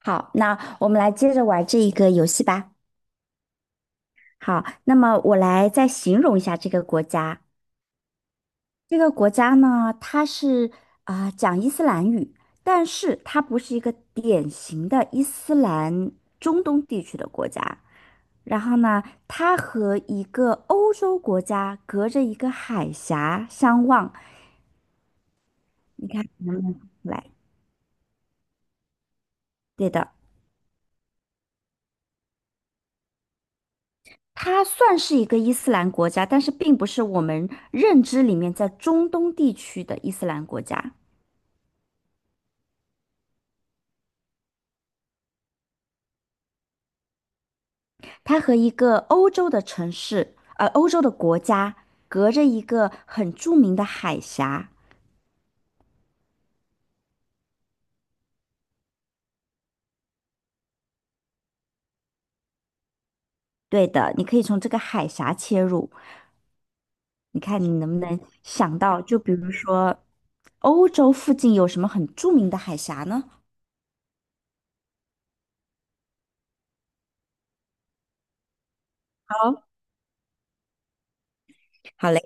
好，那我们来接着玩这一个游戏吧。好，那么我来再形容一下这个国家。这个国家呢，它是讲伊斯兰语，但是它不是一个典型的伊斯兰中东地区的国家。然后呢，它和一个欧洲国家隔着一个海峡相望。你看能不能看出来？对的。它算是一个伊斯兰国家，但是并不是我们认知里面在中东地区的伊斯兰国家。它和一个欧洲的城市，欧洲的国家隔着一个很著名的海峡。对的，你可以从这个海峡切入。你看你能不能想到，就比如说欧洲附近有什么很著名的海峡呢？好，好嘞，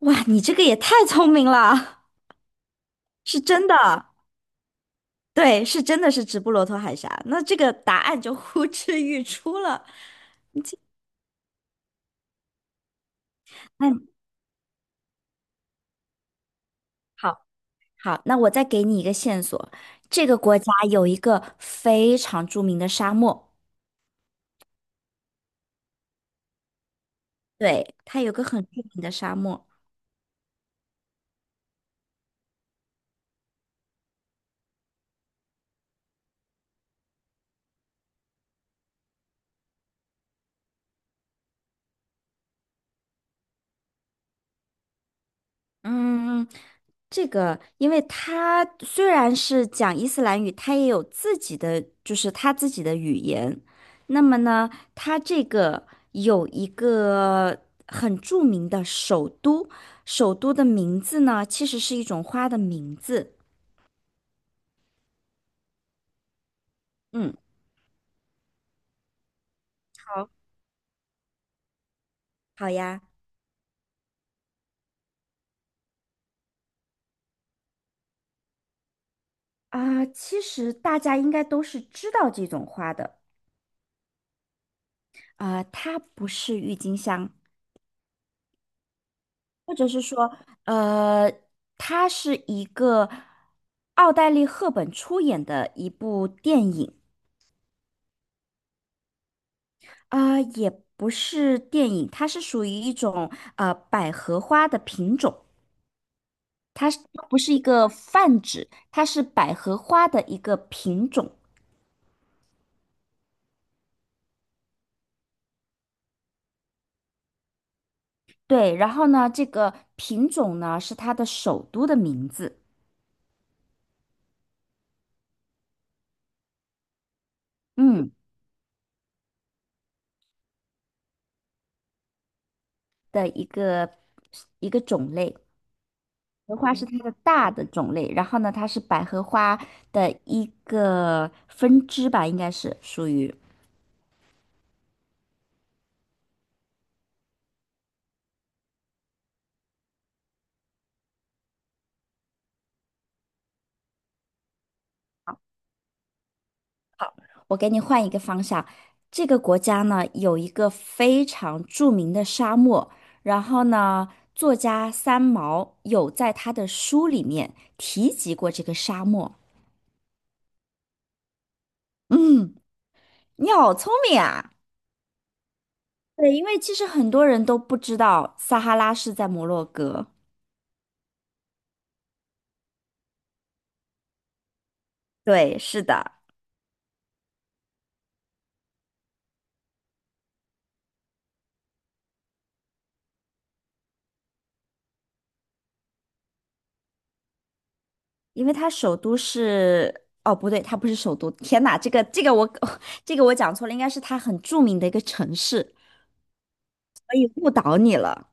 哇，你这个也太聪明了，是真的。对，是真的是直布罗陀海峡，那这个答案就呼之欲出了。嗯，好，好，那我再给你一个线索，这个国家有一个非常著名的沙漠，对，它有个很著名的沙漠。嗯，这个，因为他虽然是讲伊斯兰语，他也有自己的，就是他自己的语言。那么呢，他有一个很著名的首都，首都的名字呢，其实是一种花的名字。嗯，好，好呀。其实大家应该都是知道这种花的。它不是郁金香，或者是说，呃，它是一个奥黛丽·赫本出演的一部电影也不是电影，它是属于一种百合花的品种，它不是一个泛指，它是百合花的一个品种。对，然后呢，这个品种呢是它的首都的名字，嗯，的一个种类。荷花是它的大的种类，然后呢，它是百合花的一个分支吧，应该是属于。我给你换一个方向，这个国家呢有一个非常著名的沙漠，然后呢，作家三毛有在他的书里面提及过这个沙漠。嗯，你好聪明啊！对，因为其实很多人都不知道撒哈拉是在摩洛哥。对，是的。因为它首都是，哦，不对，它不是首都。天哪，这个我 这个我讲错了，应该是它很著名的一个城市。可以误导你了，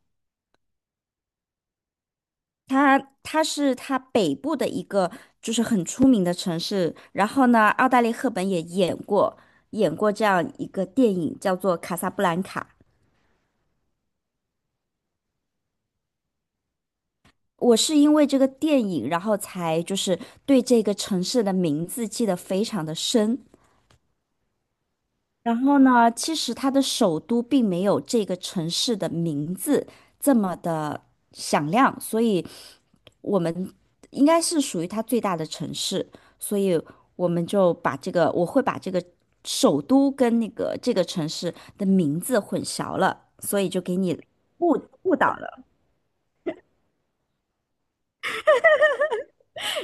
它北部的一个就是很出名的城市。然后呢，奥黛丽·赫本也演过这样一个电影，叫做《卡萨布兰卡》。我是因为这个电影，然后才就是对这个城市的名字记得非常的深。然后呢，其实它的首都并没有这个城市的名字这么的响亮，所以我们应该是属于它最大的城市，所以我们就把这个，我会把这个首都跟那个这个城市的名字混淆了，所以就给你误误导了。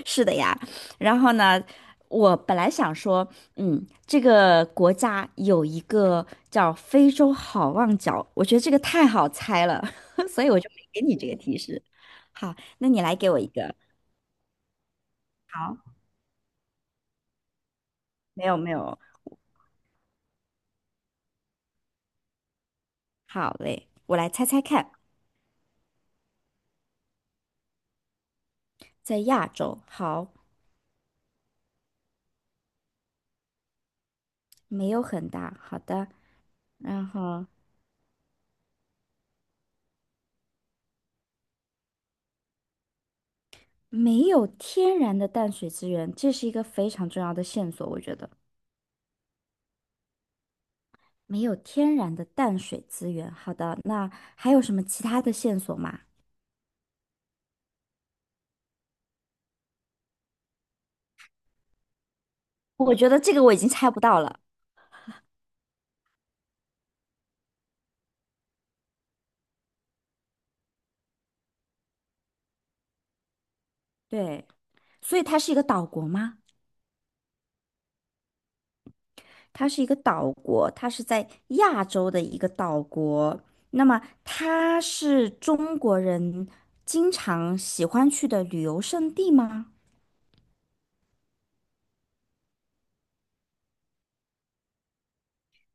是的呀，然后呢，我本来想说，嗯，这个国家有一个叫非洲好望角，我觉得这个太好猜了，所以我就没给你这个提示。好，那你来给我一个。好，没有没有，好嘞，我来猜猜看，在亚洲，好，没有很大，好的，然后没有天然的淡水资源，这是一个非常重要的线索，我觉得。没有天然的淡水资源。好的，那还有什么其他的线索吗？我觉得这个我已经猜不到了。对，所以它是一个岛国吗？它是一个岛国，它是在亚洲的一个岛国。那么它是中国人经常喜欢去的旅游胜地吗？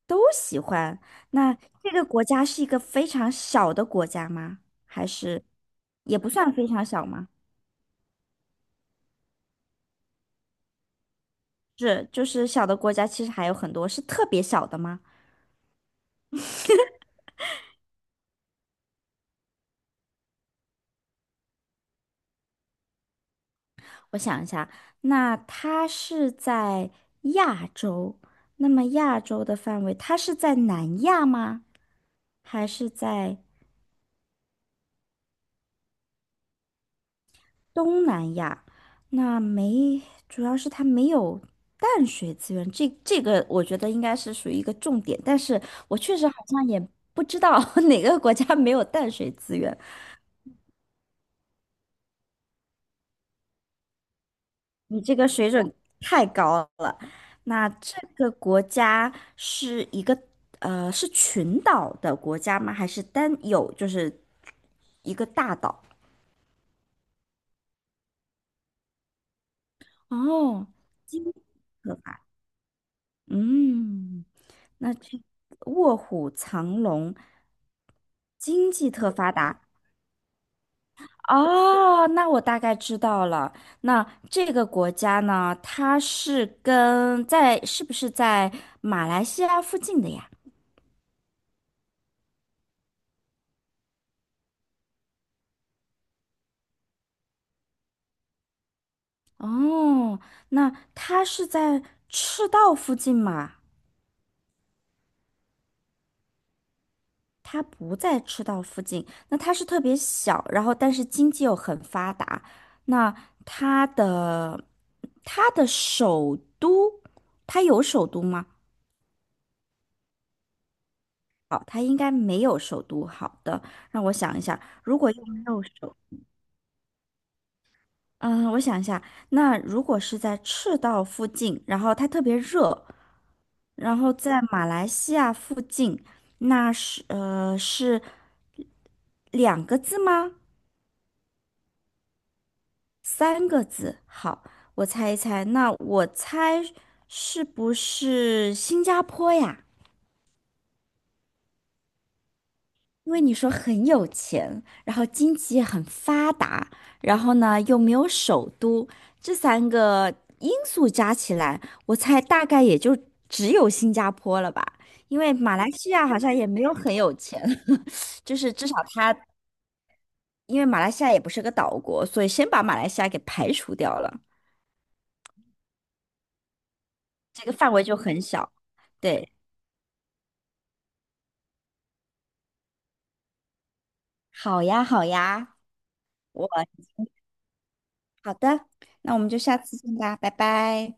都喜欢。那这个国家是一个非常小的国家吗？还是也不算非常小吗？是，就是小的国家其实还有很多，是特别小的吗？我想一下，那它是在亚洲，那么亚洲的范围，它是在南亚吗？还是在东南亚？那没，主要是它没有淡水资源，这个我觉得应该是属于一个重点，但是我确实好像也不知道 哪个国家没有淡水资源。你这个水准太高了。那这个国家是一个是群岛的国家吗？还是单有就是一个大岛？哦，金合法。嗯，那这卧虎藏龙，经济特发达。哦，那我大概知道了。那这个国家呢，它是跟在是不是在马来西亚附近的呀？哦，那它是在赤道附近吗？它不在赤道附近，那它是特别小，然后但是经济又很发达。那它的它的首都，它有首都吗？哦，它应该没有首都。好的，让我想一下，如果又没有首嗯，我想一下，那如果是在赤道附近，然后它特别热，然后在马来西亚附近，那是是两个字吗？三个字。好，我猜一猜，那我猜是不是新加坡呀？因为你说很有钱，然后经济也很发达，然后呢又没有首都，这三个因素加起来，我猜大概也就只有新加坡了吧。因为马来西亚好像也没有很有钱，就是至少它，因为马来西亚也不是个岛国，所以先把马来西亚给排除掉了，这个范围就很小。对，好呀，好呀，我好的，那我们就下次见吧，拜拜。